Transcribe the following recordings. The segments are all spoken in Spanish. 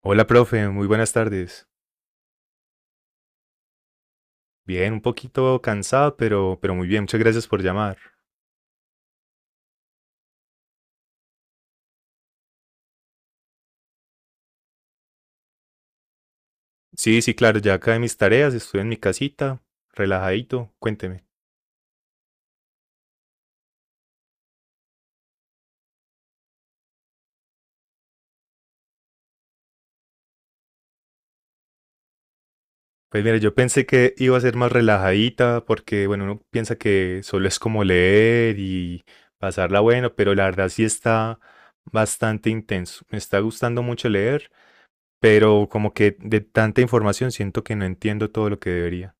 Hola, profe, muy buenas tardes. Bien, un poquito cansado, pero muy bien, muchas gracias por llamar. Sí, sí, claro, ya acabé mis tareas, estoy en mi casita, relajadito, cuénteme. Pues mira, yo pensé que iba a ser más relajadita, porque bueno, uno piensa que solo es como leer y pasarla bueno, pero la verdad sí está bastante intenso. Me está gustando mucho leer, pero como que de tanta información siento que no entiendo todo lo que debería.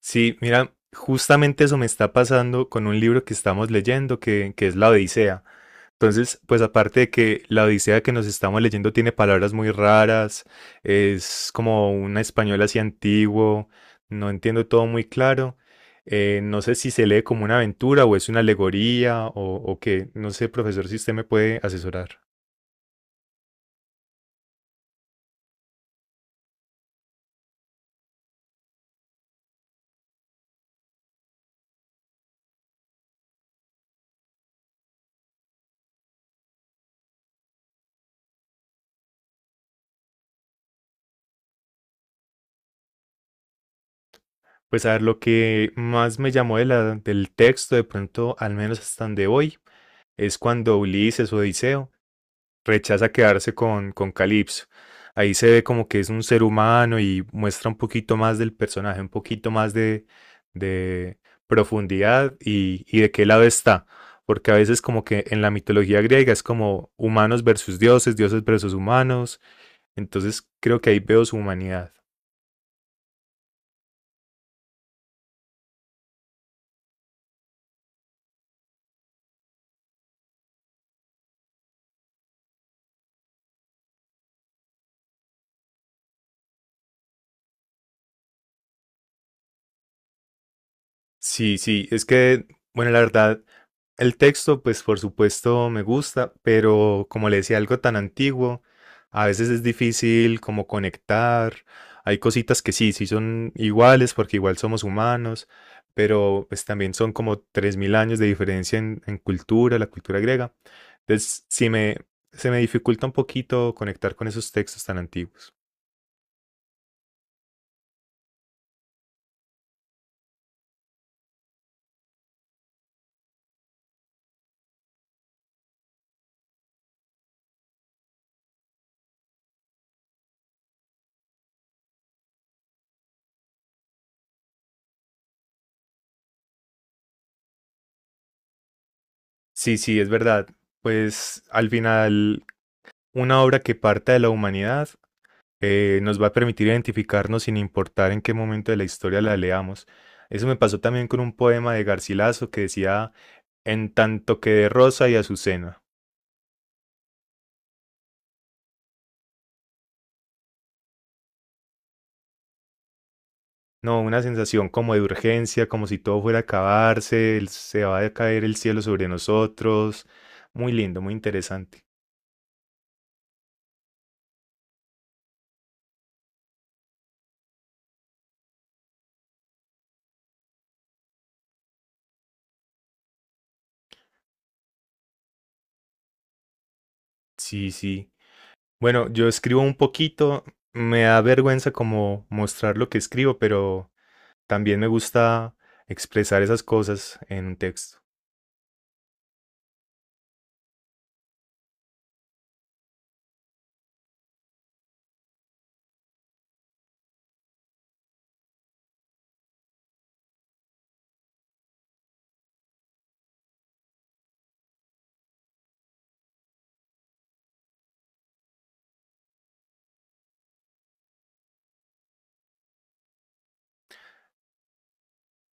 Sí, mira, justamente eso me está pasando con un libro que estamos leyendo, que es La Odisea. Entonces, pues aparte de que la Odisea que nos estamos leyendo tiene palabras muy raras, es como un español así antiguo, no entiendo todo muy claro. No sé si se lee como una aventura o es una alegoría o qué. No sé, profesor, si usted me puede asesorar. Pues a ver, lo que más me llamó del texto, de pronto, al menos hasta donde hoy, es cuando Ulises o Odiseo rechaza quedarse con Calipso. Ahí se ve como que es un ser humano y muestra un poquito más del personaje, un poquito más de profundidad y de qué lado está. Porque a veces como que en la mitología griega es como humanos versus dioses, dioses versus humanos. Entonces creo que ahí veo su humanidad. Sí, sí, es que, bueno, la verdad, el texto, pues por supuesto me gusta, pero como le decía, algo tan antiguo, a veces es difícil como conectar. Hay cositas que sí, sí son iguales porque igual somos humanos, pero pues también son como 3.000 años de diferencia en cultura, la cultura griega. Entonces, se me dificulta un poquito conectar con esos textos tan antiguos. Sí, sí, es verdad. Pues al final, una obra que parta de la humanidad nos va a permitir identificarnos sin importar en qué momento de la historia la leamos. Eso me pasó también con un poema de Garcilaso que decía, en tanto que de Rosa y Azucena. No, una sensación como de urgencia, como si todo fuera a acabarse, se va a caer el cielo sobre nosotros. Muy lindo, muy interesante. Sí, sí. Bueno, yo escribo un poquito, me da vergüenza como mostrar lo que escribo, pero también me gusta expresar esas cosas en un texto.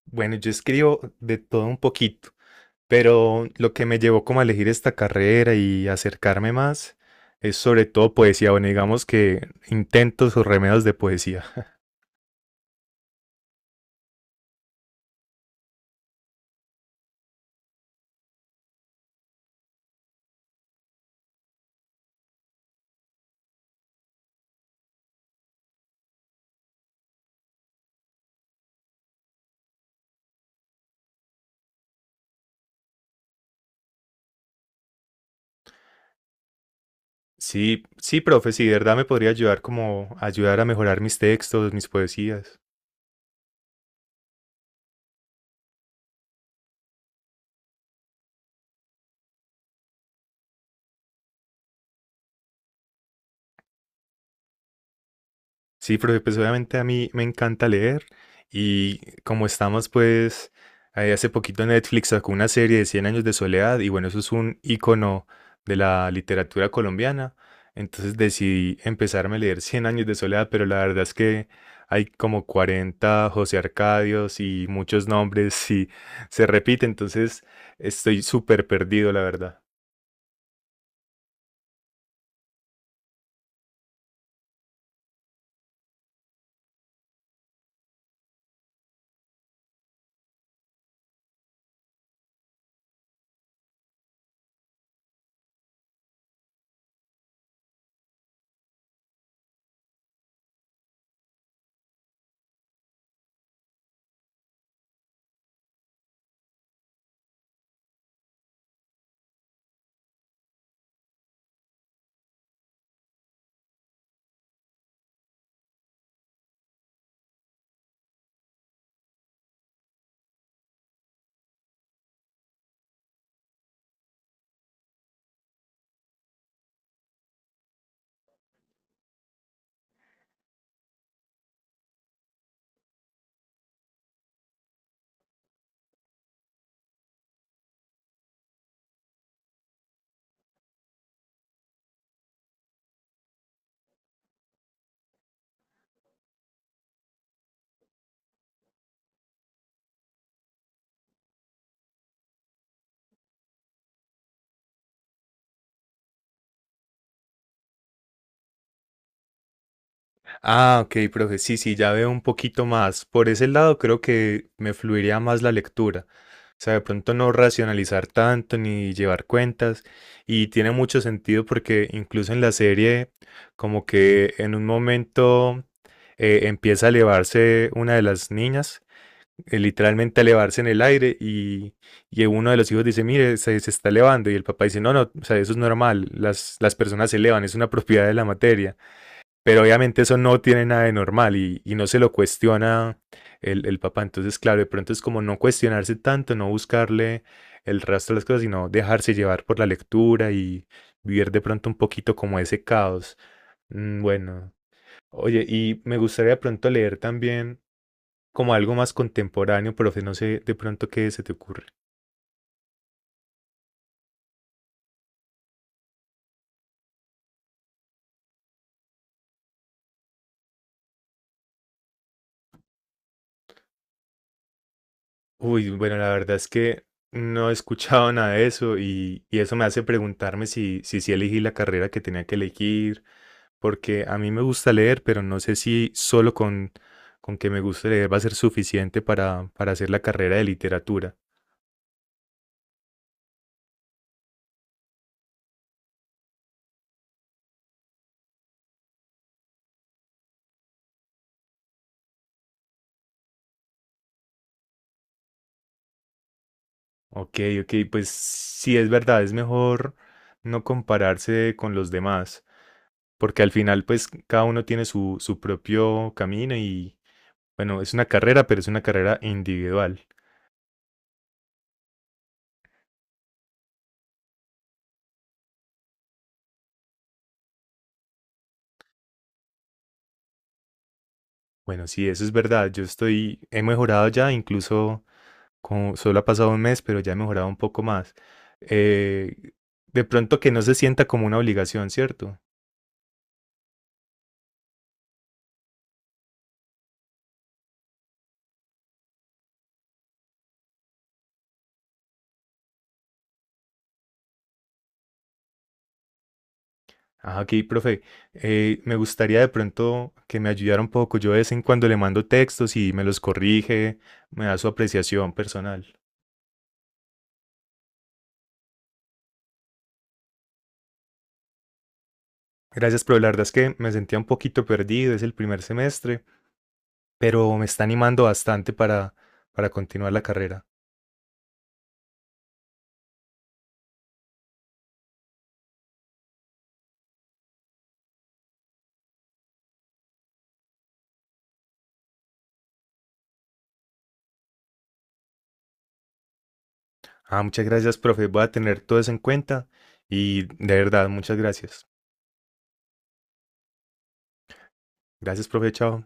Bueno, yo escribo de todo un poquito, pero lo que me llevó como a elegir esta carrera y acercarme más es sobre todo poesía, bueno, digamos que intentos o remedios de poesía. Sí, sí, profe, sí, de verdad me podría ayudar como a ayudar a mejorar mis textos, mis poesías. Sí, profe, pues obviamente a mí me encanta leer y como estamos pues hace poquito Netflix sacó una serie de Cien años de soledad y bueno, eso es un icono de la literatura colombiana, entonces decidí empezarme a leer Cien años de soledad, pero la verdad es que hay como 40 José Arcadios y muchos nombres y se repite, entonces estoy súper perdido, la verdad. Ah, ok, profe, sí, sí, ya veo un poquito más. Por ese lado creo que me fluiría más la lectura. O sea, de pronto no racionalizar tanto ni llevar cuentas. Y tiene mucho sentido porque incluso en la serie, como que en un momento empieza a elevarse una de las niñas, literalmente a elevarse en el aire y uno de los hijos dice, mire, se está elevando. Y el papá dice, no, no, o sea, eso es normal, las personas se elevan, es una propiedad de la materia. Pero obviamente eso no tiene nada de normal y no se lo cuestiona el papá. Entonces, claro, de pronto es como no cuestionarse tanto, no buscarle el rastro de las cosas, sino dejarse llevar por la lectura y vivir de pronto un poquito como ese caos. Mm, bueno, oye, y me gustaría de pronto leer también como algo más contemporáneo, profe, no sé de pronto qué se te ocurre. Uy, bueno, la verdad es que no he escuchado nada de eso y eso me hace preguntarme si sí elegí la carrera que tenía que elegir, porque a mí me gusta leer, pero no sé si solo con que me guste leer va a ser suficiente para hacer la carrera de literatura. Ok, ok, pues sí es verdad, es mejor no compararse con los demás, porque al final pues cada uno tiene su propio camino y bueno, es una carrera, pero es una carrera individual. Bueno, sí, eso es verdad. Yo estoy, he mejorado ya, incluso como solo ha pasado un mes, pero ya he mejorado un poco más. Eh, de pronto que no se sienta como una obligación, ¿cierto? Ajá, aquí, profe, me gustaría de pronto que me ayudara un poco. Yo de vez en cuando le mando textos y me los corrige, me da su apreciación personal. Gracias, pero la verdad es que me sentía un poquito perdido, es el primer semestre, pero me está animando bastante para continuar la carrera. Ah, muchas gracias, profe. Voy a tener todo eso en cuenta y de verdad, muchas gracias. Gracias, profe. Chao.